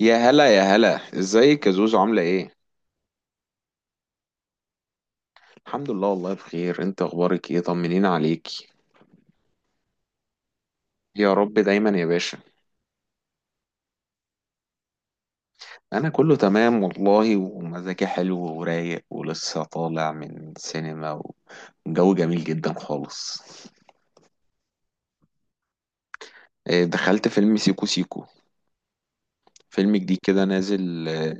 يا هلا يا هلا، ازيك يا زوزو؟ عاملة ايه؟ الحمد لله والله بخير. انت اخبارك ايه؟ طمنين عليكي. يا رب دايما يا باشا. انا كله تمام والله، ومزاجي حلو ورايق، ولسه طالع من سينما، وجو جميل جدا خالص. دخلت فيلم سيكو سيكو، فيلم جديد كده نازل.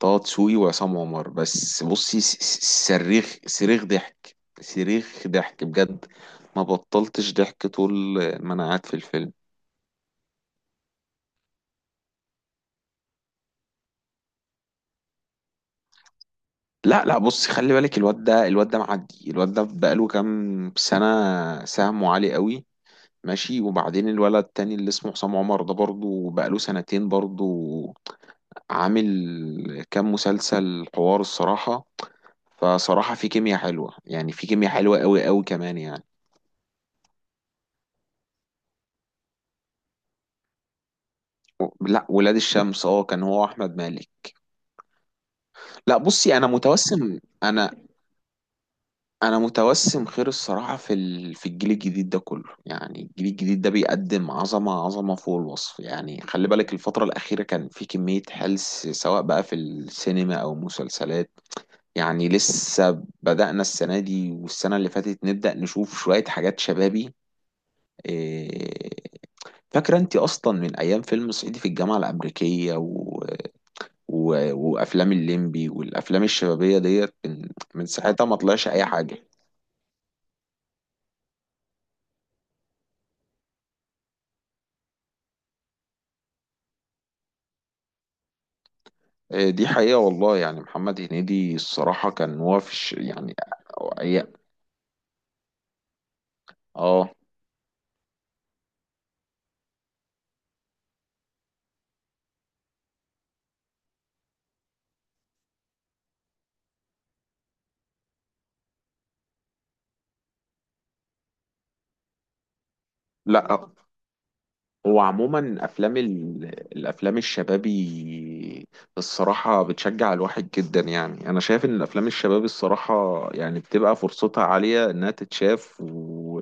طه دسوقي وعصام عمر. بس بصي، صريخ صريخ ضحك، صريخ ضحك بجد. ما بطلتش ضحك طول ما انا قاعد في الفيلم. لا لا، بص، خلي بالك، الواد ده، الواد ده معدي، الواد ده بقاله كام سنة سهمه عالي قوي. ماشي، وبعدين الولد التاني اللي اسمه حسام عمر ده برضه بقاله سنتين برضه، عامل كام مسلسل حوار الصراحة. فصراحة في كيمياء حلوة، يعني في كيمياء حلوة قوي قوي كمان يعني. لا، ولاد الشمس، اه، كان هو احمد مالك. لا بصي، انا متوسم انا متوسم خير الصراحه في ال... في الجيل الجديد ده كله، يعني الجيل الجديد ده بيقدم عظمه عظمه فوق الوصف. يعني خلي بالك الفتره الاخيره كان في كميه هلس، سواء بقى في السينما او مسلسلات. يعني لسه بدأنا السنه دي والسنه اللي فاتت نبدأ نشوف شويه حاجات شبابي. إيه، فاكره انت اصلا من ايام فيلم صعيدي في الجامعه الامريكيه وافلام الليمبي والافلام الشبابيه ديت، من من ساعتها ما طلعش اي حاجه. دي حقيقة والله، يعني محمد هنيدي الصراحة كان وافش يعني. أي- اه، لا. وعموما افلام الافلام الشبابي الصراحة بتشجع الواحد جدا، يعني انا شايف ان الافلام الشبابي الصراحة يعني بتبقى فرصتها عالية انها تتشاف،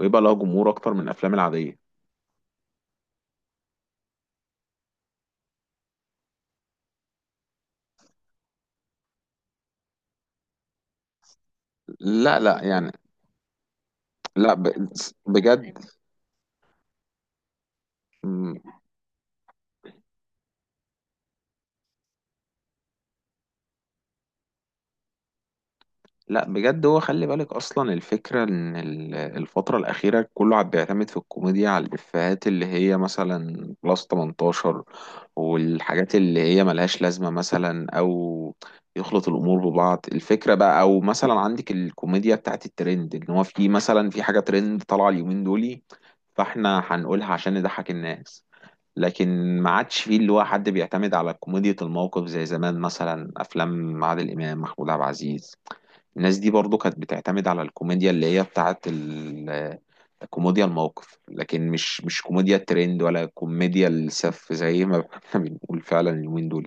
ويبقى لها جمهور اكتر من الافلام العادية. لا لا يعني، لا ب... بجد. لا بجد، هو خلي بالك اصلا الفكره ان الفتره الاخيره كله عم بيعتمد في الكوميديا على الافيهات اللي هي مثلا بلس 18، والحاجات اللي هي ملهاش لازمه مثلا، او يخلط الامور ببعض الفكره بقى، او مثلا عندك الكوميديا بتاعت الترند، ان هو في مثلا في حاجه ترند طالعه اليومين دولي، فاحنا هنقولها عشان نضحك الناس. لكن ما عادش فيه اللي هو حد بيعتمد على كوميديا الموقف زي زمان، مثلا افلام عادل امام، محمود عبد العزيز، الناس دي برضو كانت بتعتمد على الكوميديا اللي هي بتاعت كوميديا الموقف، لكن مش كوميديا الترند ولا كوميديا السف زي ما احنا بنقول فعلا اليومين دول.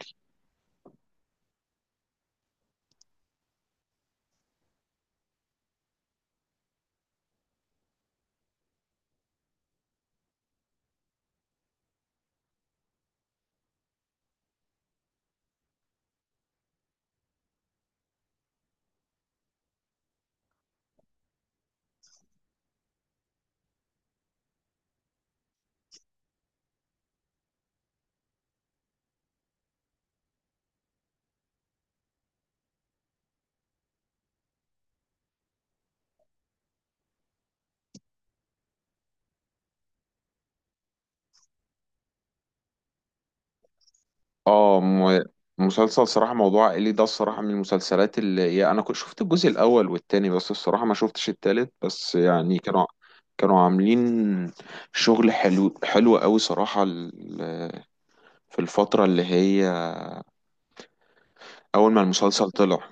اه مسلسل صراحة موضوع عائلي ده الصراحة من المسلسلات اللي هي أنا كنت شفت الجزء الأول والتاني، بس الصراحة ما شفتش التالت. بس يعني كانوا عاملين شغل حلو حلو قوي صراحة، في الفترة اللي هي أول ما المسلسل طلع.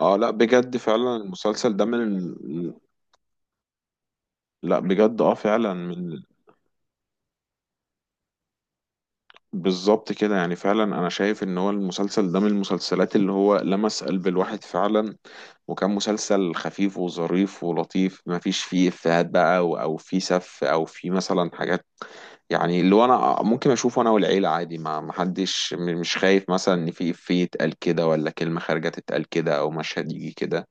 اه لا بجد، فعلا المسلسل ده من، لا بجد اه فعلا من، بالظبط كده. يعني فعلا انا شايف ان هو المسلسل ده من المسلسلات اللي هو لمس قلب الواحد فعلا، وكان مسلسل خفيف وظريف ولطيف، ما فيش فيه افيهات بقى او أو فيه سف او فيه مثلا حاجات، يعني اللي هو انا ممكن اشوفه انا والعيله عادي، ما حدش مش خايف مثلا ان في افيه يتقال كده، ولا كلمه خارجه تتقال كده، او مشهد يجي كده.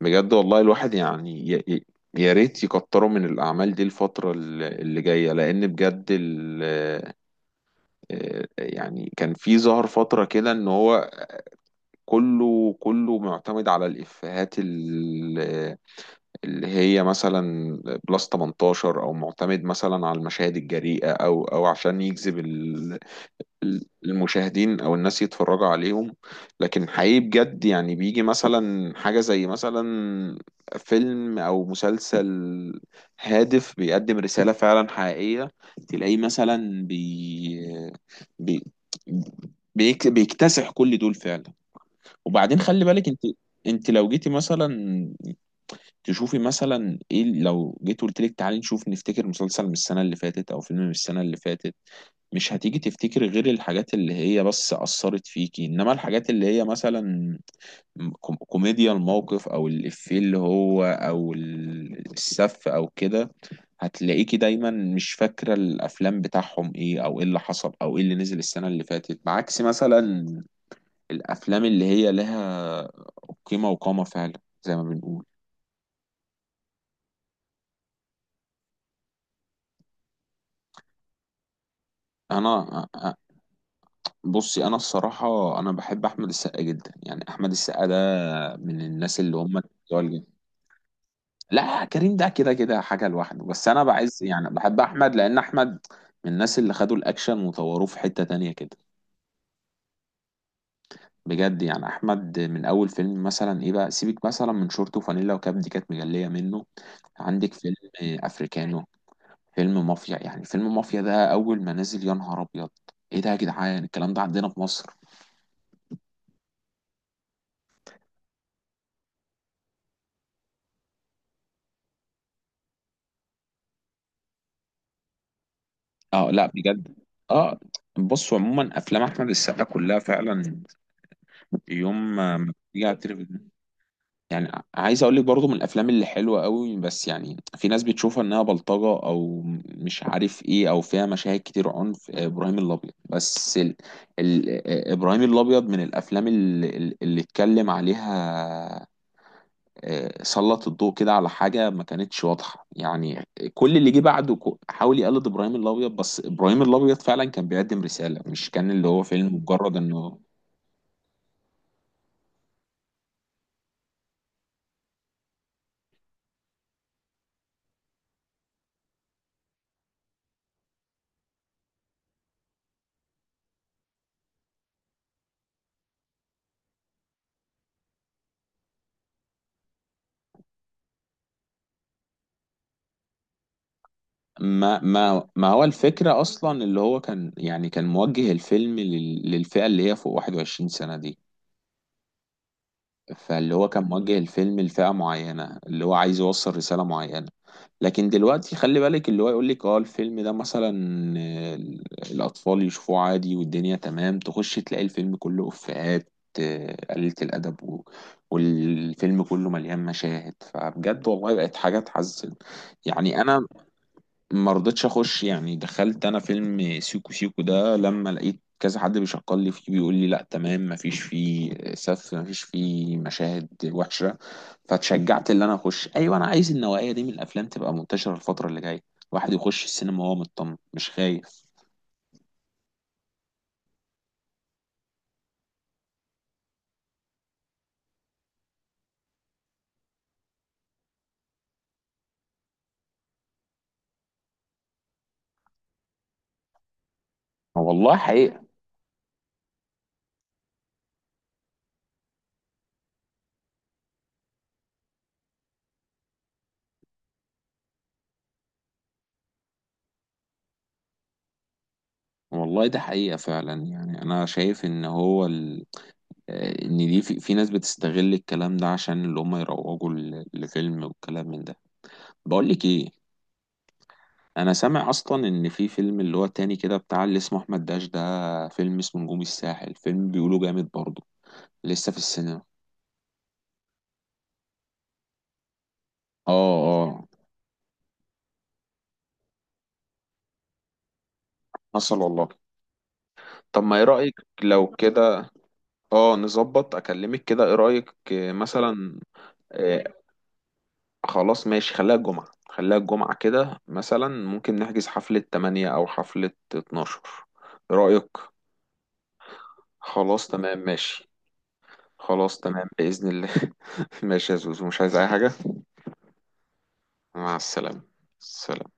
بجد والله، الواحد يعني يا ريت يكتروا من الأعمال دي الفترة اللي جاية، لأن بجد يعني كان في ظهر فترة كده ان هو كله معتمد على الإفيهات اللي هي مثلا بلس 18، او معتمد مثلا على المشاهد الجريئة، او او عشان يجذب المشاهدين او الناس يتفرجوا عليهم. لكن حقيقي بجد، يعني بيجي مثلا حاجة زي مثلا فيلم او مسلسل هادف بيقدم رسالة فعلا حقيقية، تلاقيه مثلا بي... بيكتسح كل دول فعلا. وبعدين خلي بالك انت لو جيتي مثلا تشوفي مثلا ايه، لو جيت قلت لك تعالي نشوف نفتكر مسلسل من السنة اللي فاتت او فيلم من السنة اللي فاتت، مش هتيجي تفتكر غير الحاجات اللي هي بس أثرت فيكي، إنما الحاجات اللي هي مثلا كوميديا الموقف أو الإفيه اللي هو أو السف أو كده، هتلاقيكي دايما مش فاكرة الأفلام بتاعهم إيه، أو إيه اللي حصل، أو إيه اللي نزل السنة اللي فاتت، بعكس مثلا الأفلام اللي هي لها قيمة وقامة فعلا زي ما بنقول. أنا أ- أ- بصي، أنا الصراحة أنا بحب أحمد السقا جدا، يعني أحمد السقا ده من الناس اللي هم بتوع، لا كريم ده كده كده حاجة لوحده، بس أنا بعز يعني بحب أحمد، لأن أحمد من الناس اللي خدوا الأكشن وطوروه في حتة تانية كده. بجد يعني أحمد من أول فيلم مثلا إيه بقى، سيبك مثلا من شورت وفانيلا وكاب، دي كانت مجلية منه. عندك فيلم أفريكانو، فيلم مافيا، يعني فيلم مافيا ده أول ما نزل يا نهار أبيض، إيه ده يا جدعان، الكلام ده عندنا في مصر؟ أه لا بجد، أه. بصوا، عموما أفلام أحمد السقا كلها فعلا يوم ما بتيجي على التلفزيون، يعني عايز اقول لك برضو من الافلام اللي حلوه قوي، بس يعني في ناس بتشوفها انها بلطجه او مش عارف ايه، او فيها مشاهد كتير عنف. ابراهيم الابيض، بس ال... ال... آه، ابراهيم الابيض من الافلام اللي, اللي اتكلم عليها، سلط الضوء كده على حاجه ما كانتش واضحه يعني. كل اللي جه بعده حاول يقلد ابراهيم الابيض، بس ابراهيم الابيض فعلا كان بيقدم رساله، مش كان اللي هو فيلم مجرد انه، ما هو الفكرة أصلا اللي هو كان، يعني كان موجه الفيلم للفئة اللي هي فوق 21 سنة دي. فاللي هو كان موجه الفيلم لفئة معينة، اللي هو عايز يوصل رسالة معينة، لكن دلوقتي خلي بالك اللي هو يقول لك اه الفيلم ده مثلا، آه، الأطفال يشوفوه عادي والدنيا تمام، تخش تلاقي الفيلم كله إفيهات قليلة الأدب، والفيلم كله مليان مشاهد. فبجد والله بقت حاجة تحزن. يعني أنا ما رضيتش اخش، يعني دخلت انا فيلم سيكو سيكو ده لما لقيت كذا حد بيشكر لي فيه بيقول لي لا تمام، ما فيش فيه سف، ما فيش فيه مشاهد وحشة، فاتشجعت ان انا اخش. ايوه، انا عايز النوعية دي من الافلام تبقى منتشرة الفترة اللي جاية، الواحد يخش السينما وهو مطمن، مش خايف. والله حقيقة. والله ده حقيقة فعلا، يعني انا شايف ان هو ال... آه، ان دي في, في ناس بتستغل الكلام ده عشان اللي هم يروجوا لفيلم والكلام من ده. بقول لك ايه، انا سامع اصلا ان في فيلم اللي هو التاني كده بتاع اللي اسمه احمد داش، ده فيلم اسمه نجوم الساحل، فيلم بيقولوا جامد برضه، لسه في السينما. اه اه. حصل والله. طب ما ايه رأيك لو كده؟ اه نظبط اكلمك كده، ايه رأيك مثلا آه خلاص ماشي، خليها الجمعة، خليها الجمعة كده مثلا، ممكن نحجز حفلة 8 او حفلة 12، ايه رأيك؟ خلاص تمام ماشي. خلاص تمام بإذن الله. ماشي يا زوزو، مش عايز اي حاجة. مع السلامة. سلام.